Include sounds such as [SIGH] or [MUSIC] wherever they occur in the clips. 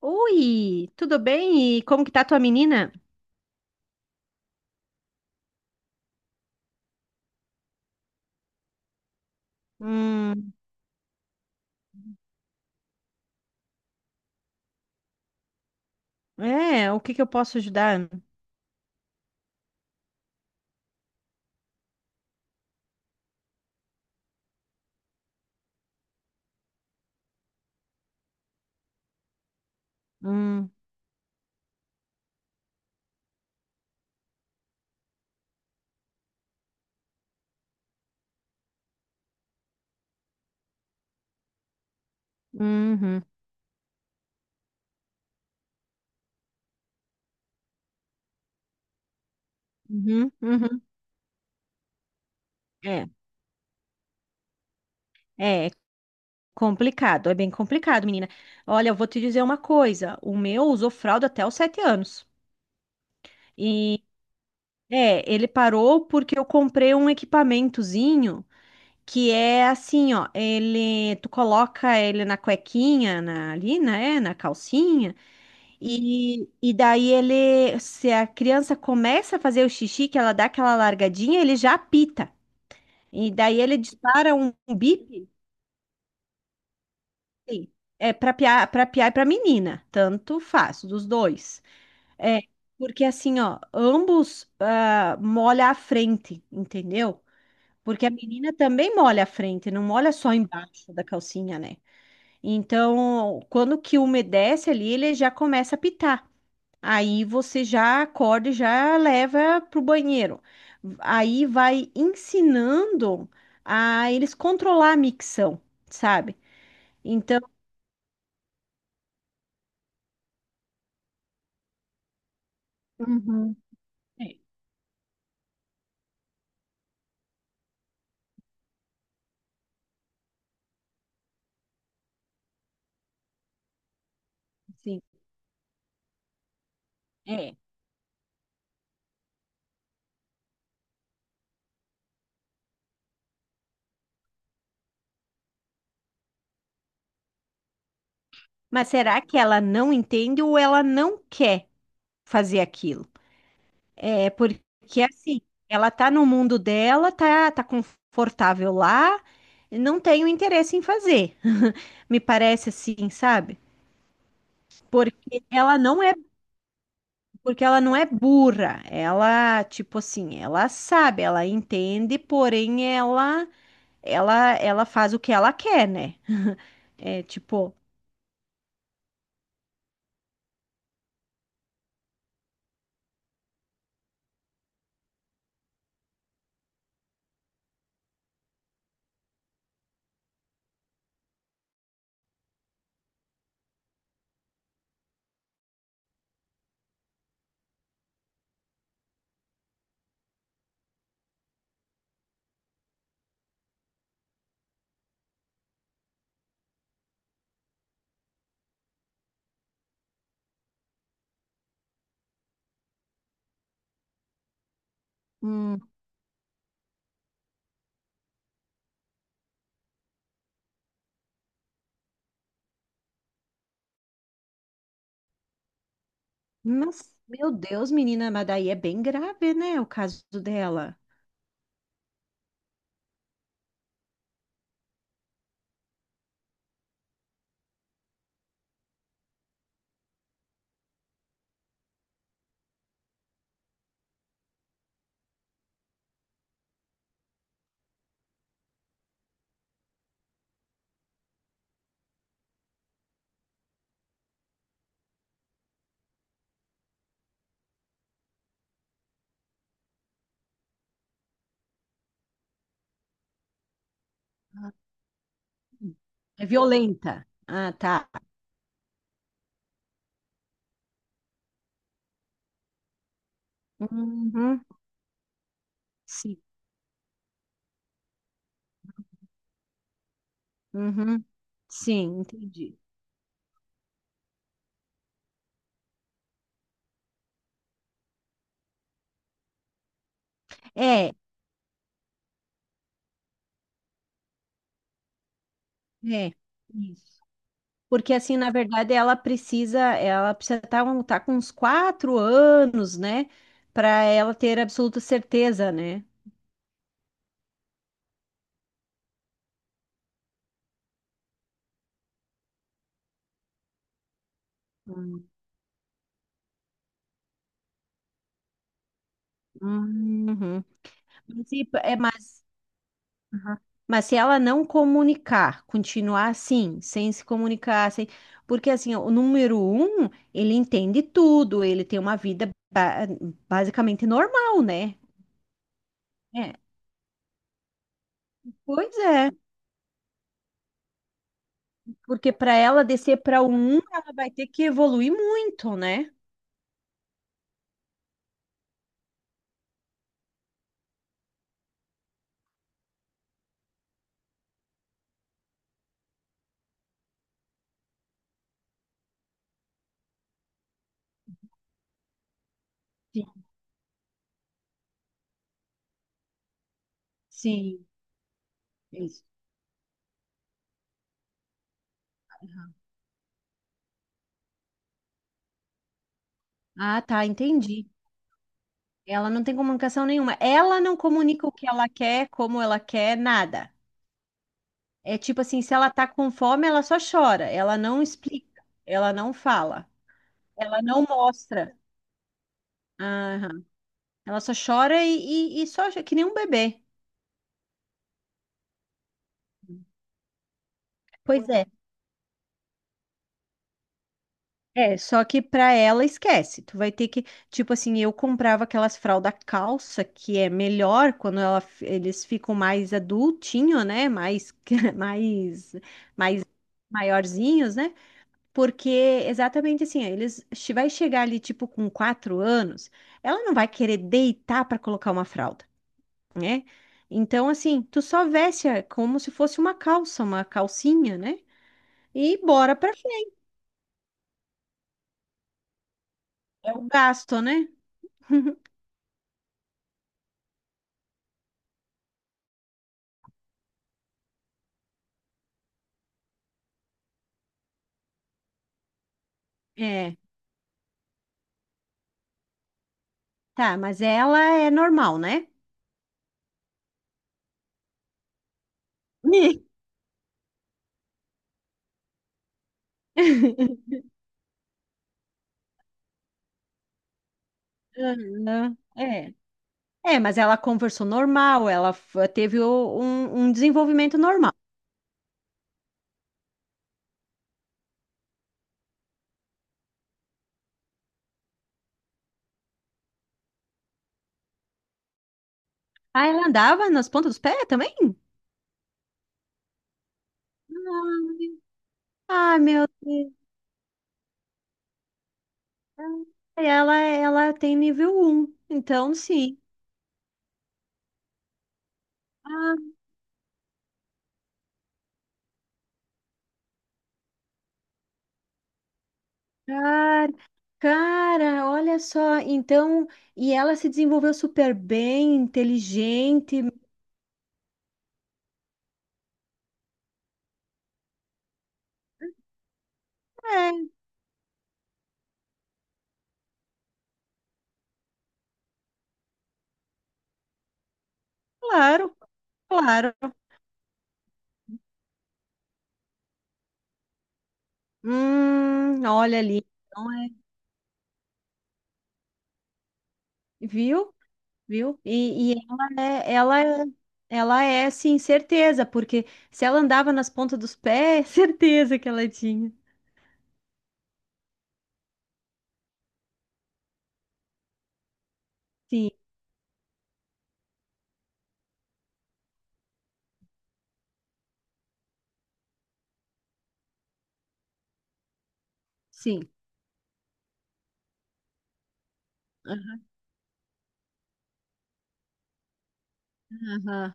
Oi, tudo bem? E como que tá tua menina? Hum, é, o que que eu posso ajudar? Hum, uhum, uhum, uhum. É, é complicado, é bem complicado, menina. Olha, eu vou te dizer uma coisa, o meu usou fralda até os 7 anos. E, é, ele parou porque eu comprei um equipamentozinho. Que é assim, ó, ele, tu coloca ele na cuequinha, na, ali, né, na calcinha, e daí ele, se a criança começa a fazer o xixi, que ela dá aquela largadinha, ele já apita. E daí ele dispara um bip, sim, é para piar e para menina, tanto faz, dos dois. É, porque assim, ó, ambos ah, molha a frente, entendeu? Porque a menina também molha a frente, não molha só embaixo da calcinha, né? Então, quando que umedece ali, ele já começa a pitar. Aí você já acorda e já leva para o banheiro. Aí vai ensinando a eles controlar a micção, sabe? Então, uhum. É. Sim. É. Mas será que ela não entende ou ela não quer fazer aquilo? É porque assim, ela tá no mundo dela, tá, tá confortável lá, e não tem o interesse em fazer. Me parece assim, sabe? Porque ela não é, porque ela não é burra. Ela, tipo assim, ela sabe, ela entende, porém ela faz o que ela quer, né? É tipo, hum, mas meu Deus, menina, mas daí é bem grave, né, o caso dela. É violenta. Ah, tá. Uhum, sim. Uhum, sim, entendi. É, é. Isso. Porque assim, na verdade, ela precisa estar com uns 4 anos, né? Para ela ter absoluta certeza, né? Hum. Uhum. Mas, uhum, mas se ela não comunicar, continuar assim, sem se comunicar, sem, porque assim, ó, o número um, ele entende tudo, ele tem uma vida basicamente normal, né? É. Pois é, porque para ela descer para um, ela vai ter que evoluir muito, né? Sim, isso. Ah, tá, entendi. Ela não tem comunicação nenhuma. Ela não comunica o que ela quer, como ela quer, nada. É tipo assim, se ela tá com fome, ela só chora. Ela não explica, ela não fala, ela não mostra. Aham. Ela só chora e só que nem um bebê. Pois é. É, só que pra ela esquece. Tu vai ter que, tipo assim, eu comprava aquelas fralda calça que é melhor quando ela, eles ficam mais adultinho, né? Mais, [LAUGHS] mais, mais maiorzinhos, né? Porque exatamente assim, ó, eles vai chegar ali tipo com 4 anos, ela não vai querer deitar pra colocar uma fralda, né? Então assim, tu só veste é, como se fosse uma calça, uma calcinha, né? E bora pra é o gasto, né? [LAUGHS] É. Tá, mas ela é normal, né? Ih, aham, é. É, mas ela conversou normal, ela teve um, um desenvolvimento normal. Ah, ela andava nas pontas dos pés também? Ai, ai, meu Deus. Ai, ela tem nível um então sim. Ah, cara, cara, olha só. Então, e ela se desenvolveu super bem, inteligente. É, claro, claro. Olha ali, então é- viu? Viu? E ela é, ela é, ela é, sim, certeza, porque se ela andava nas pontas dos pés, [LAUGHS] certeza que ela tinha. Sim, sim. Aham,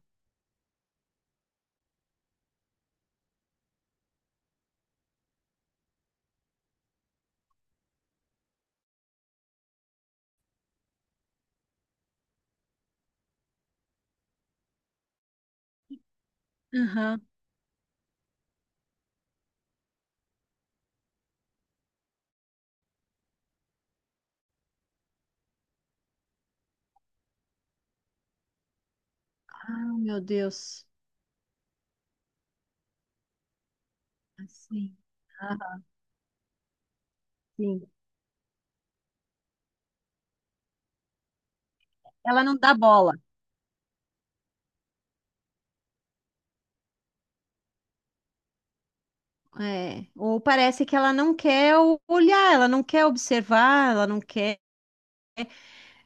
aham. Ah, meu Deus. Assim. Aham, sim. Ela não dá bola. É. Ou parece que ela não quer olhar, ela não quer observar, ela não quer.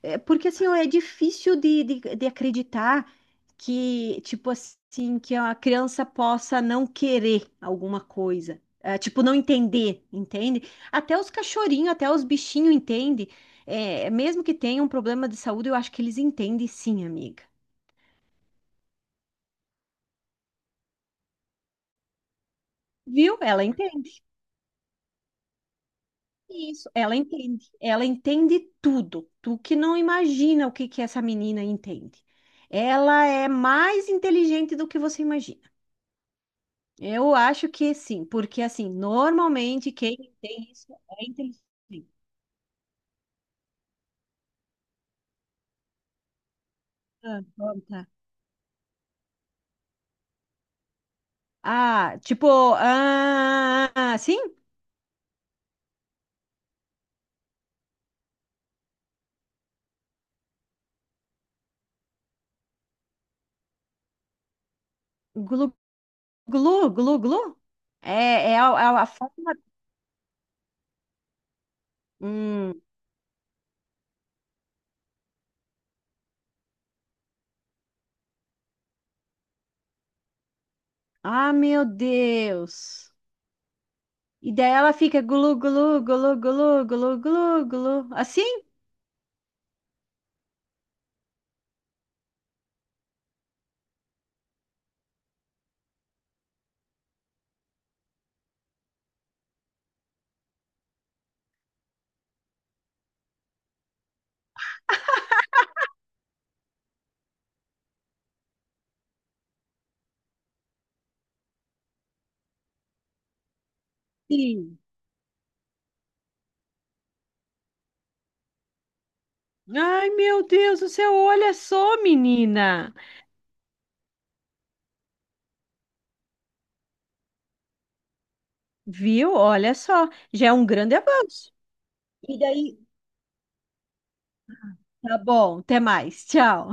É porque assim, ó, é difícil de acreditar que, tipo assim, que a criança possa não querer alguma coisa. É, tipo, não entender, entende? Até os cachorrinhos, até os bichinhos entendem. É, mesmo que tenham um problema de saúde, eu acho que eles entendem sim, amiga. Viu? Ela entende isso, ela entende. Ela entende tudo. Tu que não imagina o que que essa menina entende. Ela é mais inteligente do que você imagina. Eu acho que sim, porque assim, normalmente quem tem isso é inteligente. Ah, bom, tá. Ah, tipo, ah, ah, sim, glu, glu, glu, glu. É, é, a, a forma. Hum. Ah, meu Deus. E daí ela fica glu, glu, glu, glu, glu, glu, glu. Assim? Sim. Ai, meu Deus do céu, olha só, menina. Viu? Olha só, já é um grande avanço. E daí tá bom, até mais. Tchau.